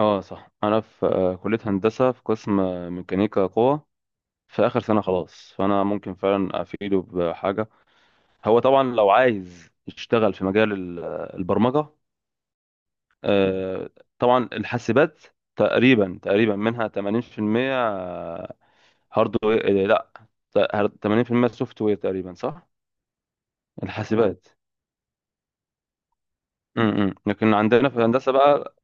اه صح انا في آه، كليه هندسه في قسم ميكانيكا قوه في اخر سنه خلاص، فانا ممكن فعلا افيده بحاجه. هو طبعا لو عايز يشتغل في مجال البرمجه، آه، طبعا الحاسبات تقريبا منها 80% هاردوير. لا، ت- 80% سوفت وير تقريبا، صح؟ الحاسبات، لكن عندنا في هندسه بقى،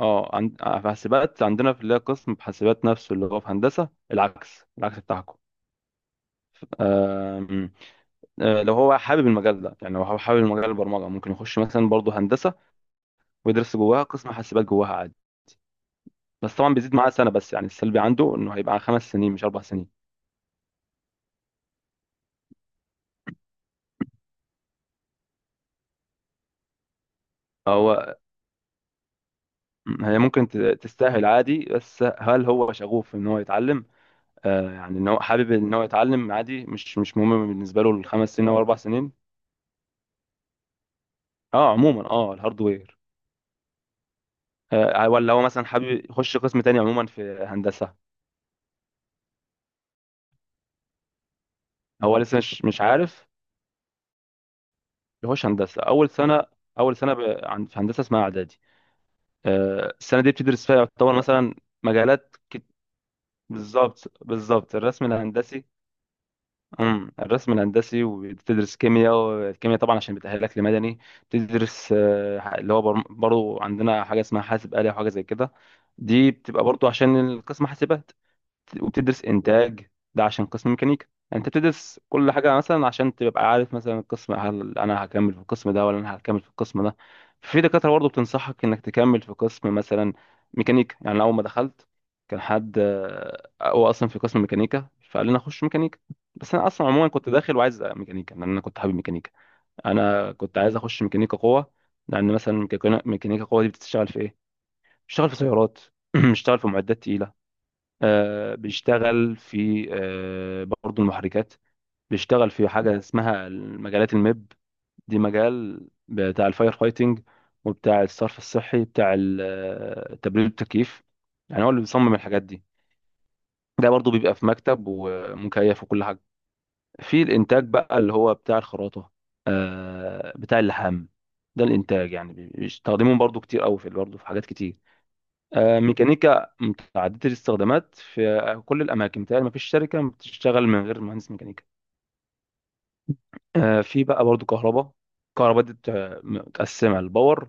اه، في حاسبات عندنا، في اللي هي قسم في حاسبات نفسه اللي هو في هندسه، العكس العكس بتاعكم. آم، لو هو حابب المجال ده، يعني لو هو حابب المجال البرمجه، ممكن يخش مثلا برضه هندسه ويدرس جواها قسم حاسبات جواها عادي. بس طبعا بيزيد معاه سنه، بس يعني السلبي عنده انه هيبقى عن 5 سنين مش 4 سنين. هو هي ممكن تستاهل عادي، بس هل هو شغوف ان هو يتعلم؟ آه، يعني ان هو حابب ان هو يتعلم عادي، مش مهم بالنسبه له ال 5 سنين او 4 سنين. اه عموما، اه، الهاردوير. ولا هو مثلا حابب يخش قسم تاني عموما في هندسه؟ هو لسه مش عارف. يخش هندسه اول سنه. اول سنه، في هندسه اسمها اعدادي. السنه دي بتدرس فيها يعتبر مثلا مجالات كت... بالظبط بالظبط الرسم الهندسي. الرسم الهندسي، وبتدرس كيمياء، والكيمياء طبعا عشان بتأهلك لمدني. بتدرس اللي هو برضو عندنا حاجه اسمها حاسب آلي وحاجه زي كده، دي بتبقى برضو عشان القسم حاسبات. وبتدرس انتاج، ده عشان قسم ميكانيكا. يعني انت بتدرس كل حاجه مثلا عشان تبقى عارف مثلا القسم، هل انا هكمل في القسم ده ولا انا هكمل في القسم ده. في دكاتره برضه بتنصحك انك تكمل في قسم مثلا ميكانيكا. يعني أنا اول ما دخلت كان حد، هو اصلا في قسم ميكانيكا، فقال لي انا اخش ميكانيكا. بس انا اصلا عموما كنت داخل وعايز ميكانيكا، لان انا كنت حابب ميكانيكا. انا كنت عايز اخش ميكانيكا قوه. لان مثلا ميكانيكا قوه دي بتشتغل في ايه؟ بتشتغل في سيارات، بتشتغل في معدات تقيله، بيشتغل في برضه المحركات، بيشتغل في حاجة اسمها مجالات الميب. دي مجال بتاع الفاير فايتنج، وبتاع الصرف الصحي، بتاع التبريد والتكييف. يعني هو اللي بيصمم الحاجات دي. ده برضه بيبقى في مكتب ومكيف وكل حاجة. في الإنتاج بقى، اللي هو بتاع الخراطة، بتاع اللحام. ده الإنتاج، يعني بيستخدموه برضه كتير أوي، في برضه في حاجات كتير. ميكانيكا متعددة الاستخدامات، في كل الأماكن بتهيألي مفيش شركة بتشتغل من غير مهندس ميكانيكا. في بقى برضو كهرباء. كهرباء دي متقسمة لباور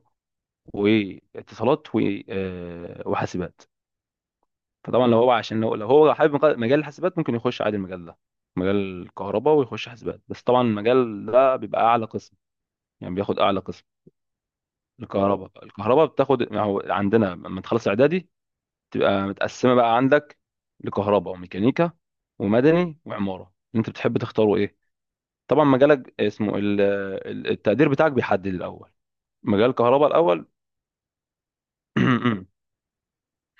واتصالات وحاسبات. فطبعا لو هو، عشان لو هو حابب مجال الحاسبات، ممكن يخش عادي المجال ده، مجال الكهرباء، ويخش حاسبات. بس طبعا المجال ده بيبقى أعلى قسم، يعني بياخد أعلى قسم. الكهرباء بتاخد، يعني هو عندنا لما تخلص إعدادي تبقى متقسمه بقى عندك لكهرباء وميكانيكا ومدني وعماره، انت بتحب تختاره ايه. طبعا مجالك اسمه التقدير بتاعك بيحدد الاول مجال كهرباء الاول.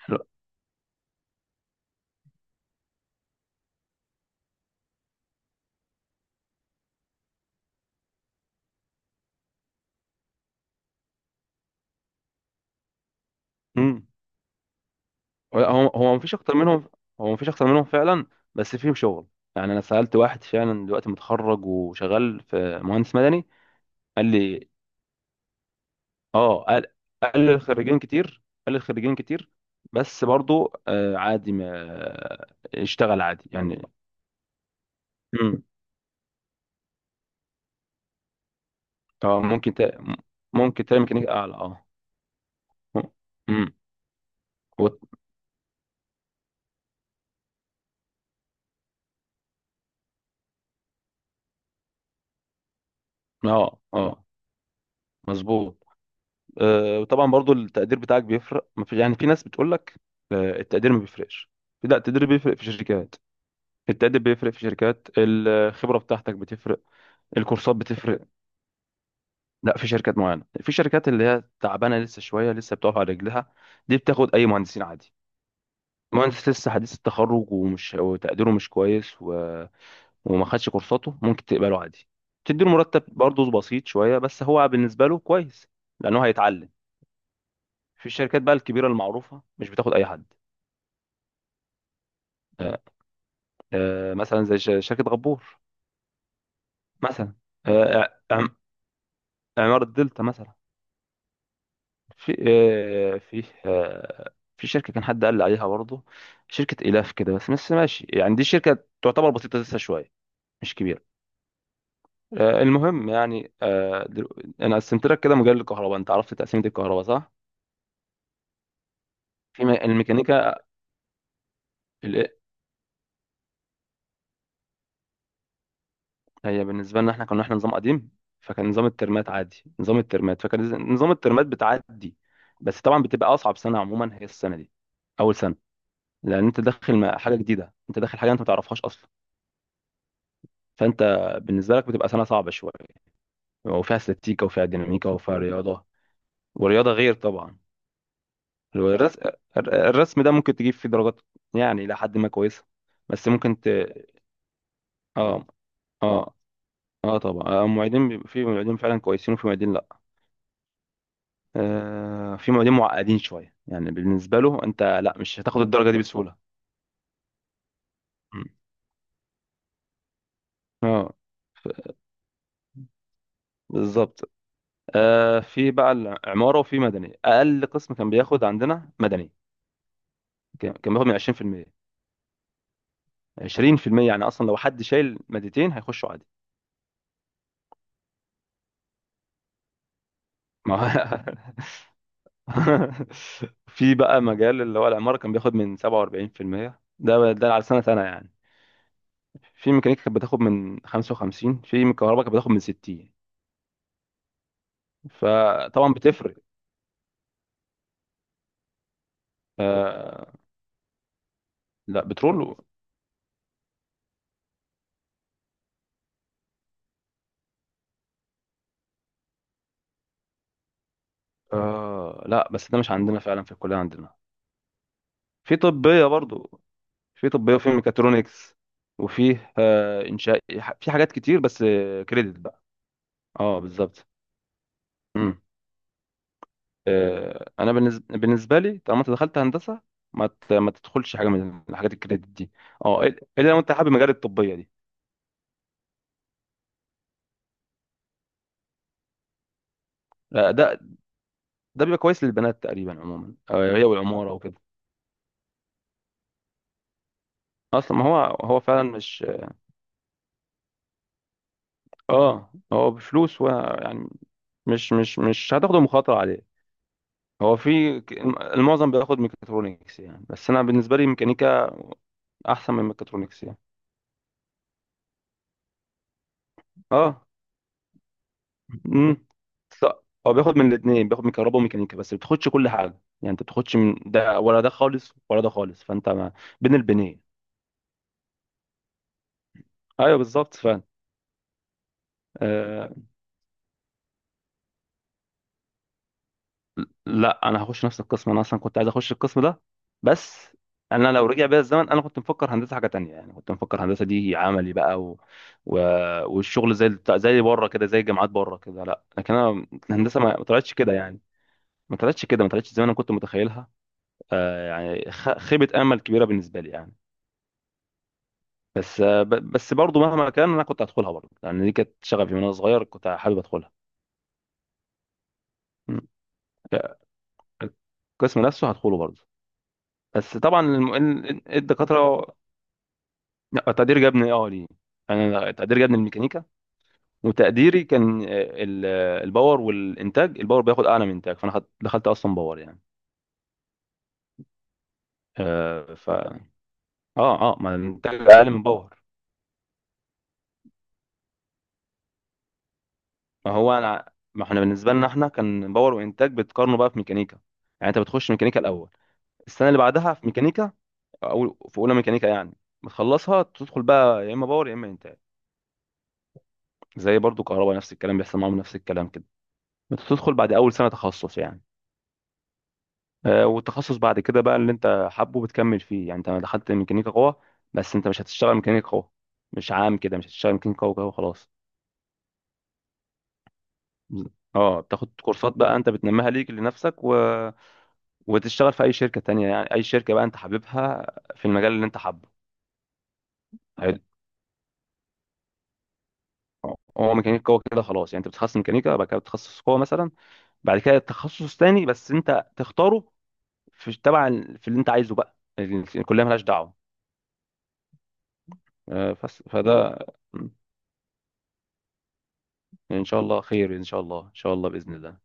حلو. مم. هو هو مفيش اكتر منهم. هو مفيش اكتر منهم فعلا، بس فيهم شغل. يعني انا سالت واحد فعلا دلوقتي متخرج وشغال في مهندس مدني، قال لي، اه قال قال لي الخريجين كتير، قال لي الخريجين كتير. بس برضو عادي، ما اشتغل عادي يعني. اه ممكن ممكن تعمل ميكانيكا اعلى، اه. امم وت- اه، اه، مظبوط. وطبعا برضو التقدير بتاعك بيفرق، ما في... يعني في ناس بتقول لك التقدير ما بيفرقش. لا، التقدير بيفرق في شركات، التقدير بيفرق في شركات، الخبرة بتاعتك بتفرق، الكورسات بتفرق. لا، في شركات معينة، في شركات اللي هي تعبانة لسه شوية، لسه بتقف على رجلها، دي بتاخد اي مهندسين عادي. مهندس لسه حديث التخرج، ومش وتقديره مش كويس وما خدش كورساته، ممكن تقبله عادي، تديله مرتب برضه بسيط شويه، بس هو بالنسبه له كويس لانه هيتعلم. في الشركات بقى الكبيره المعروفه مش بتاخد اي حد. آه، مثلا زي شركه غبور مثلا، آه، عم- عماره دلتا مثلا. في شركه كان حد قال لي عليها برضه، شركه الاف كده، بس ماشي يعني، دي شركه تعتبر بسيطه لسه شويه، مش كبيره. المهم يعني، انا قسمت لك كده مجال الكهرباء، انت عرفت تقسيمه الكهرباء، صح؟ في الميكانيكا. ال- هي بالنسبه لنا احنا، احنا نظام قديم، فكان نظام الترمات عادي، نظام الترمات، فكان نظام الترمات بتعدي. بس طبعا بتبقى اصعب سنه عموما هي السنه دي، اول سنه، لان انت داخل حاجه جديده، انت داخل حاجه انت ما تعرفهاش اصلا. فانت بالنسبه لك بتبقى سنه صعبه شويه، وفيها استاتيكا وفيها ديناميكا وفيها رياضه. والرياضه غير طبعا. الرسم الرسم ده ممكن تجيب فيه درجات، يعني الى حد ما كويسه، بس ممكن ت... اه، اه، اه، طبعا، المعيدين بيبقى في معيدين فعلا كويسين، وفي معيدين لا. في معيدين معقدين شويه، يعني بالنسبه له انت لا، مش هتاخد الدرجه دي بسهوله. مم. اه، بالظبط. في بقى العماره، وفي مدني. اقل قسم كان بياخد عندنا مدني، كان بياخد من 20%. 20% يعني، اصلا لو حد شايل مادتين هيخشوا عادي. ما هو- في بقى مجال اللي هو العماره كان بياخد من 47%، ده على سنه سنه يعني. في ميكانيكا كانت بتاخد من 55، في كهرباء كانت بتاخد من 60، فطبعا بتفرق. آه، لا بترول. لا، بس ده مش عندنا فعلا، في الكلية عندنا في طبية برضو، في طبية وفي ميكاترونكس، وفيه إنشاء، في حاجات كتير، بس كريدت بقى. اه، بالظبط. مم. انا بالنسبة لي طالما انت دخلت هندسة، ما تدخلش حاجة من الحاجات الكريدت دي. اه، الا لو انت حابب مجال الطبية دي. آه، ده ده بيبقى كويس للبنات تقريبا عموما، هي والعمارة وكده. اصلا، ما هو هو فعلا مش، اه، هو بفلوس ويعني، مش هتاخده مخاطرة عليه. هو في المعظم بياخد ميكاترونكس، يعني بس انا بالنسبة لي ميكانيكا احسن من ميكاترونكس يعني. اه. امم ص- هو بياخد من الاثنين، بياخد من كهرباء وميكانيكا، بس بتاخدش كل حاجة، يعني انت بتاخدش من ده ولا ده خالص، ولا ده خالص، فانت ما بين البنين. ايوه، بالظبط، فعلا. آه، لا، انا هخش نفس القسم، انا اصلا كنت عايز اخش القسم ده. بس انا لو رجع بيا الزمن، انا كنت مفكر هندسه حاجه تانية، يعني كنت مفكر هندسه دي عملي بقى، و... والشغل زي زي بره كده، زي الجامعات بره كده، لا. لكن انا الهندسه ما طلعتش كده يعني، ما طلعتش كده، ما طلعتش زي ما انا كنت متخيلها. يعني خيبه امل كبيره بالنسبه لي يعني. بس برضو مهما كان انا كنت هدخلها برضو، لان دي كانت شغفي من وانا صغير، كنت حابب ادخلها. م. القسم نفسه هدخله برضه. بس طبعا الدكاترة. لا، تقدير جابني، اه، ليه؟ انا تقدير جابني الميكانيكا، وتقديري كان، الباور والانتاج، الباور بياخد اعلى من انتاج، فانا دخلت اصلا باور يعني. آه، ف اه اه، ما الانتاج اقل من باور. ما هو انا، ما احنا بالنسبه لنا احنا كان باور وانتاج بتقارنوا بقى في ميكانيكا. يعني انت بتخش ميكانيكا الاول، السنه اللي بعدها في ميكانيكا، او في اولى ميكانيكا يعني، بتخلصها تدخل بقى يا اما باور يا اما انتاج. زي برضو كهرباء، نفس الكلام بيحصل معاهم، نفس الكلام كده. بتدخل بعد اول سنه تخصص يعني. والتخصص بعد كده بقى اللي انت حابه بتكمل فيه. يعني انت دخلت ميكانيكا قوة، بس انت مش هتشتغل ميكانيكا قوة، مش عام كده، مش هتشتغل ميكانيكا قوة كده وخلاص. اه، بتاخد كورسات بقى، انت بتنميها ليك لنفسك، وتشتغل في اي شركة تانية، يعني اي شركة بقى انت حاببها، في المجال اللي انت حابه. حلو. اه، هو ميكانيكا قوة كده خلاص، يعني انت بتتخصص ميكانيكا، بعد كده بتتخصص قوة مثلا، بعد كده تخصص تاني بس انت تختاره، في تبع في اللي انت عايزه بقى، الكلية مالهاش دعوة. بس فده. ان شاء الله خير، ان شاء الله، ان شاء الله، باذن الله.